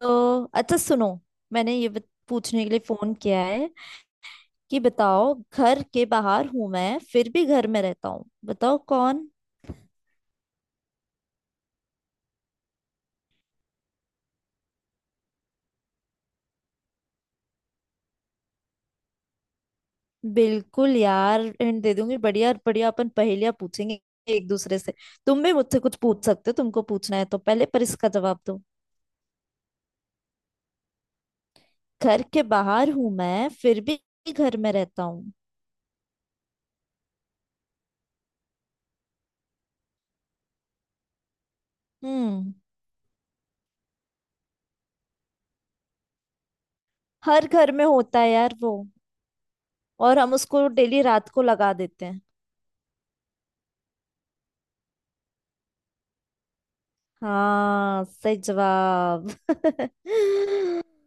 तो अच्छा सुनो। मैंने ये पूछने के लिए फोन किया है कि बताओ, घर के बाहर हूं मैं फिर भी घर में रहता हूँ, बताओ कौन। बिल्कुल यार, हिंट दे दूंगी। बढ़िया बढ़िया, अपन पहेलियां पूछेंगे एक दूसरे से। तुम भी मुझसे कुछ पूछ सकते हो। तुमको पूछना है तो पहले पर इसका जवाब दो। घर के बाहर हूं मैं फिर भी घर में रहता हूँ। हम्म। हर घर में होता है यार वो, और हम उसको डेली रात को लगा देते हैं। हाँ, सही जवाब।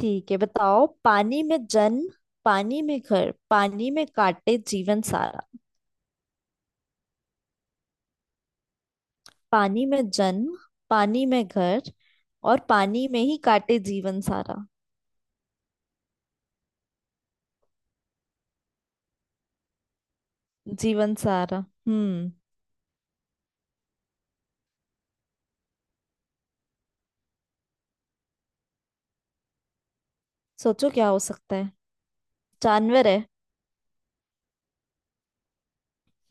ठीक है, बताओ। पानी में जन्म, पानी में घर, पानी में काटे जीवन सारा। पानी में जन्म, पानी में घर, और पानी में ही काटे जीवन सारा। जीवन सारा। हम्म। सोचो क्या हो सकता है। जानवर है।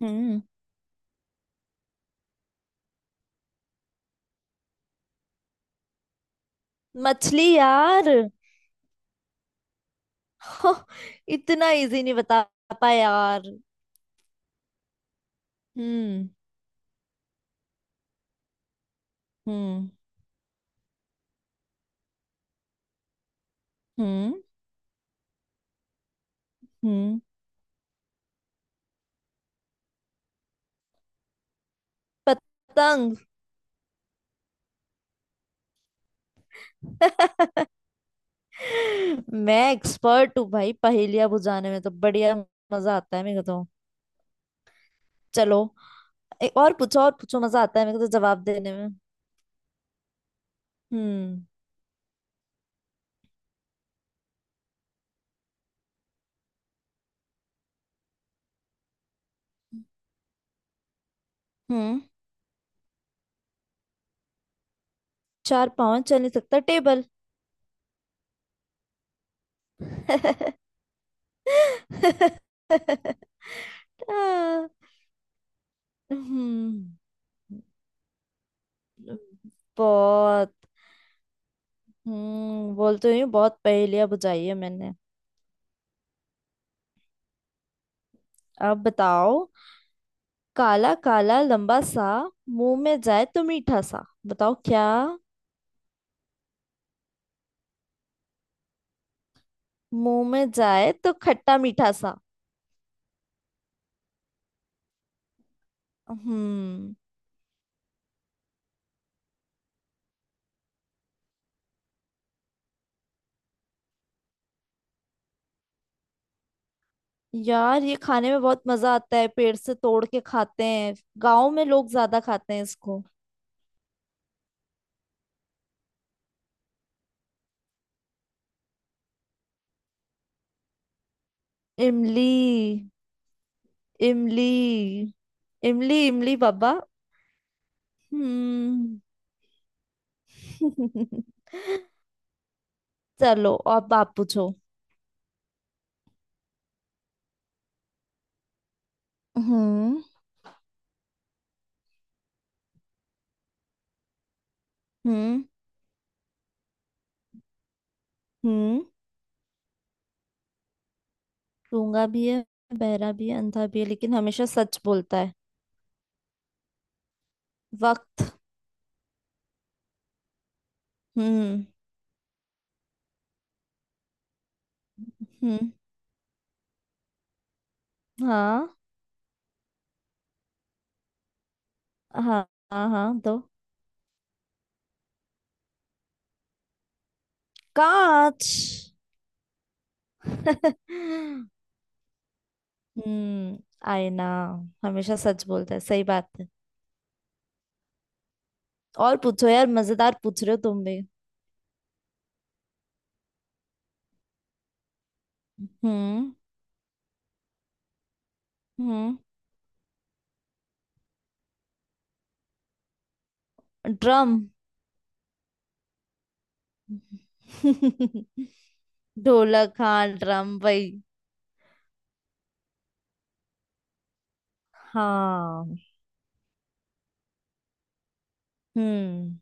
हम्म। मछली यार। हो, इतना इजी नहीं बता पाए यार। हम्म। हम्म। हम्म। हम्म। पतंग। मैं एक्सपर्ट हूँ भाई पहेलियां बुझाने में, तो बढ़िया मजा आता है मेरे को तो। चलो, एक और पूछो, और पूछो, मजा आता है मेरे को तो जवाब देने में। हम्म। हम्म। चार पाँव हैं, चल नहीं सकता, टेबल। आ, हम्म। बहुत। बोलते हुए बहुत पहेलियां बुझाई है मैंने। अब बताओ, काला काला लंबा सा, मुंह में जाए तो मीठा सा, बताओ क्या। मुंह में जाए तो खट्टा मीठा सा। हम्म। यार ये खाने में बहुत मजा आता है, पेड़ से तोड़ के खाते हैं। गांव में लोग ज्यादा खाते हैं इसको। इमली। इमली। इमली इमली बाबा। हम्म। चलो, अब आप पूछो। हम्म। हम्म। हम्म। गूंगा भी है, बहरा भी है, अंधा भी है, लेकिन हमेशा सच बोलता है। वक्त। हम्म। हम्म। हाँ हाँ हाँ हाँ दो। कांच। हम्म। आए ना, हमेशा सच बोलता है, सही बात है। और पूछो यार, मजेदार पूछ रहे हो तुम भी। हम्म। हम्म। ड्रम। ढोलक, हाँ ड्रम भाई। हाँ। हम्म।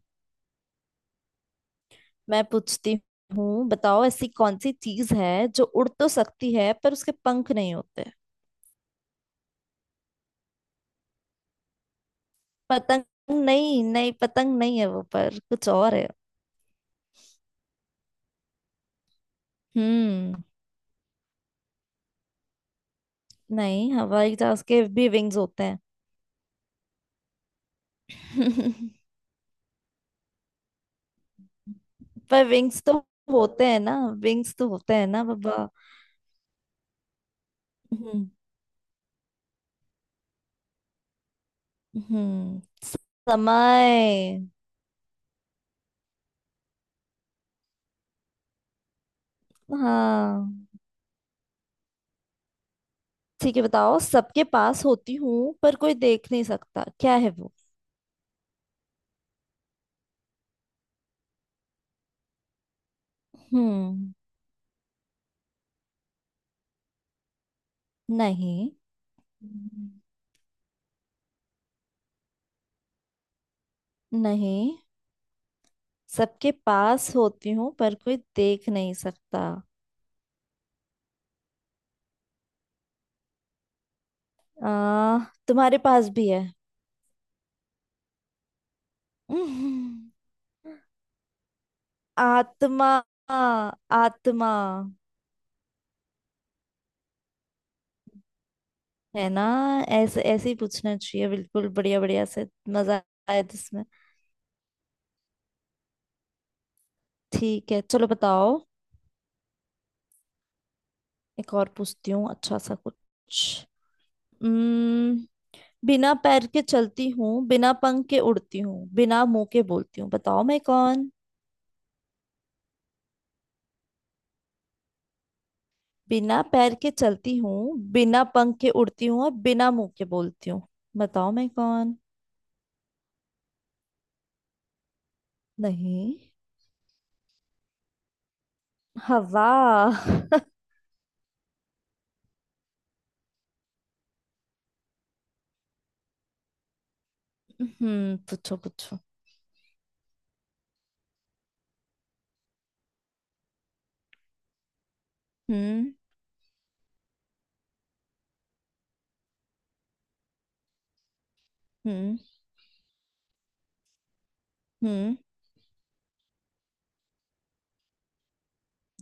मैं पूछती हूँ, बताओ ऐसी कौन सी चीज है जो उड़ तो सकती है पर उसके पंख नहीं होते। पतंग? नहीं नहीं, पतंग नहीं है वो, पर कुछ और है। हम्म। नहीं, हवाई जहाज के भी विंग्स होते हैं। पर विंग्स तो होते हैं ना। विंग्स तो होते हैं ना बाबा। हम्म। हम्म। समय। हाँ। ठीक है, बताओ, सबके पास होती हूँ पर कोई देख नहीं सकता, क्या है वो। हम्म। नहीं। नहीं। सबके पास होती हूँ पर कोई देख नहीं सकता। आ, तुम्हारे पास भी है। हम्म, आत्मा। आत्मा। है ना, ऐसे ऐसे ही पूछना चाहिए, बिल्कुल बढ़िया बढ़िया से। मजा आया इसमें। ठीक है चलो, बताओ। एक और पूछती हूँ, अच्छा सा कुछ। उम्म, बिना पैर के चलती हूँ, बिना पंख के उड़ती हूँ, बिना मुंह के बोलती हूँ, बताओ मैं कौन। बिना पैर के चलती हूँ, बिना पंख के उड़ती हूँ, और बिना मुंह के बोलती हूँ, बताओ मैं कौन। नहीं। हवा। हम्म, पूछो पूछो। हम्म। हम्म। हम्म।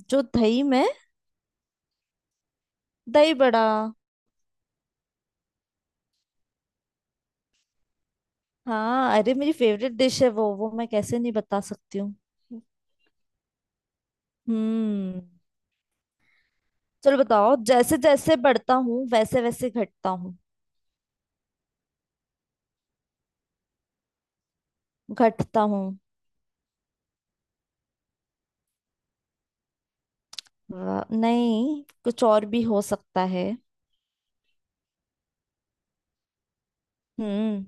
जो दही में। दही बड़ा। हाँ अरे, मेरी फेवरेट डिश है वो मैं कैसे नहीं बता सकती हूँ। हम्म। चलो बताओ, जैसे जैसे बढ़ता हूँ वैसे वैसे घटता हूँ। घटता हूँ। वाह, नहीं कुछ और भी हो सकता है। हम्म।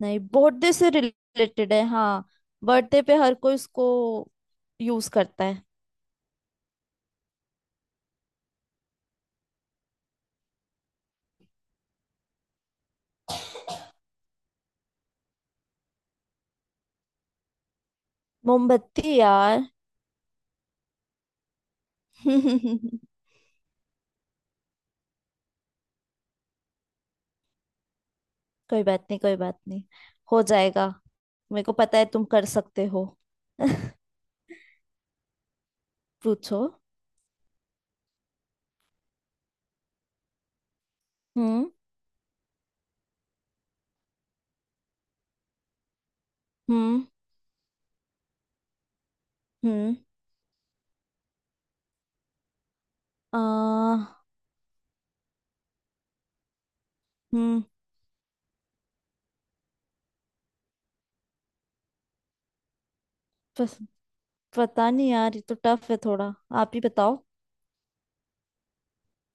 नहीं, बर्थडे से रिलेटेड है हाँ। बर्थडे पे हर कोई इसको यूज करता है। मोमबत्ती यार। कोई बात नहीं, कोई बात नहीं, हो जाएगा। मेरे को पता है तुम कर सकते हो। पूछो। हम्म। हम्म। हम्म। आ हम्म। पस, पता नहीं यार, ये तो टफ है थोड़ा, आप ही बताओ।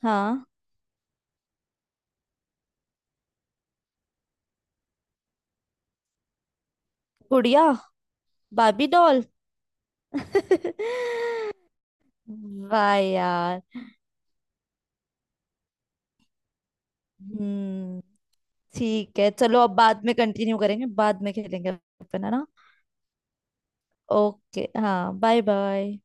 हाँ। गुड़िया। बाबी डॉल। वाह यार। हम्म। ठीक है चलो, अब बाद में कंटिन्यू करेंगे, बाद में खेलेंगे अपन, है ना। ओके, हाँ, बाय बाय।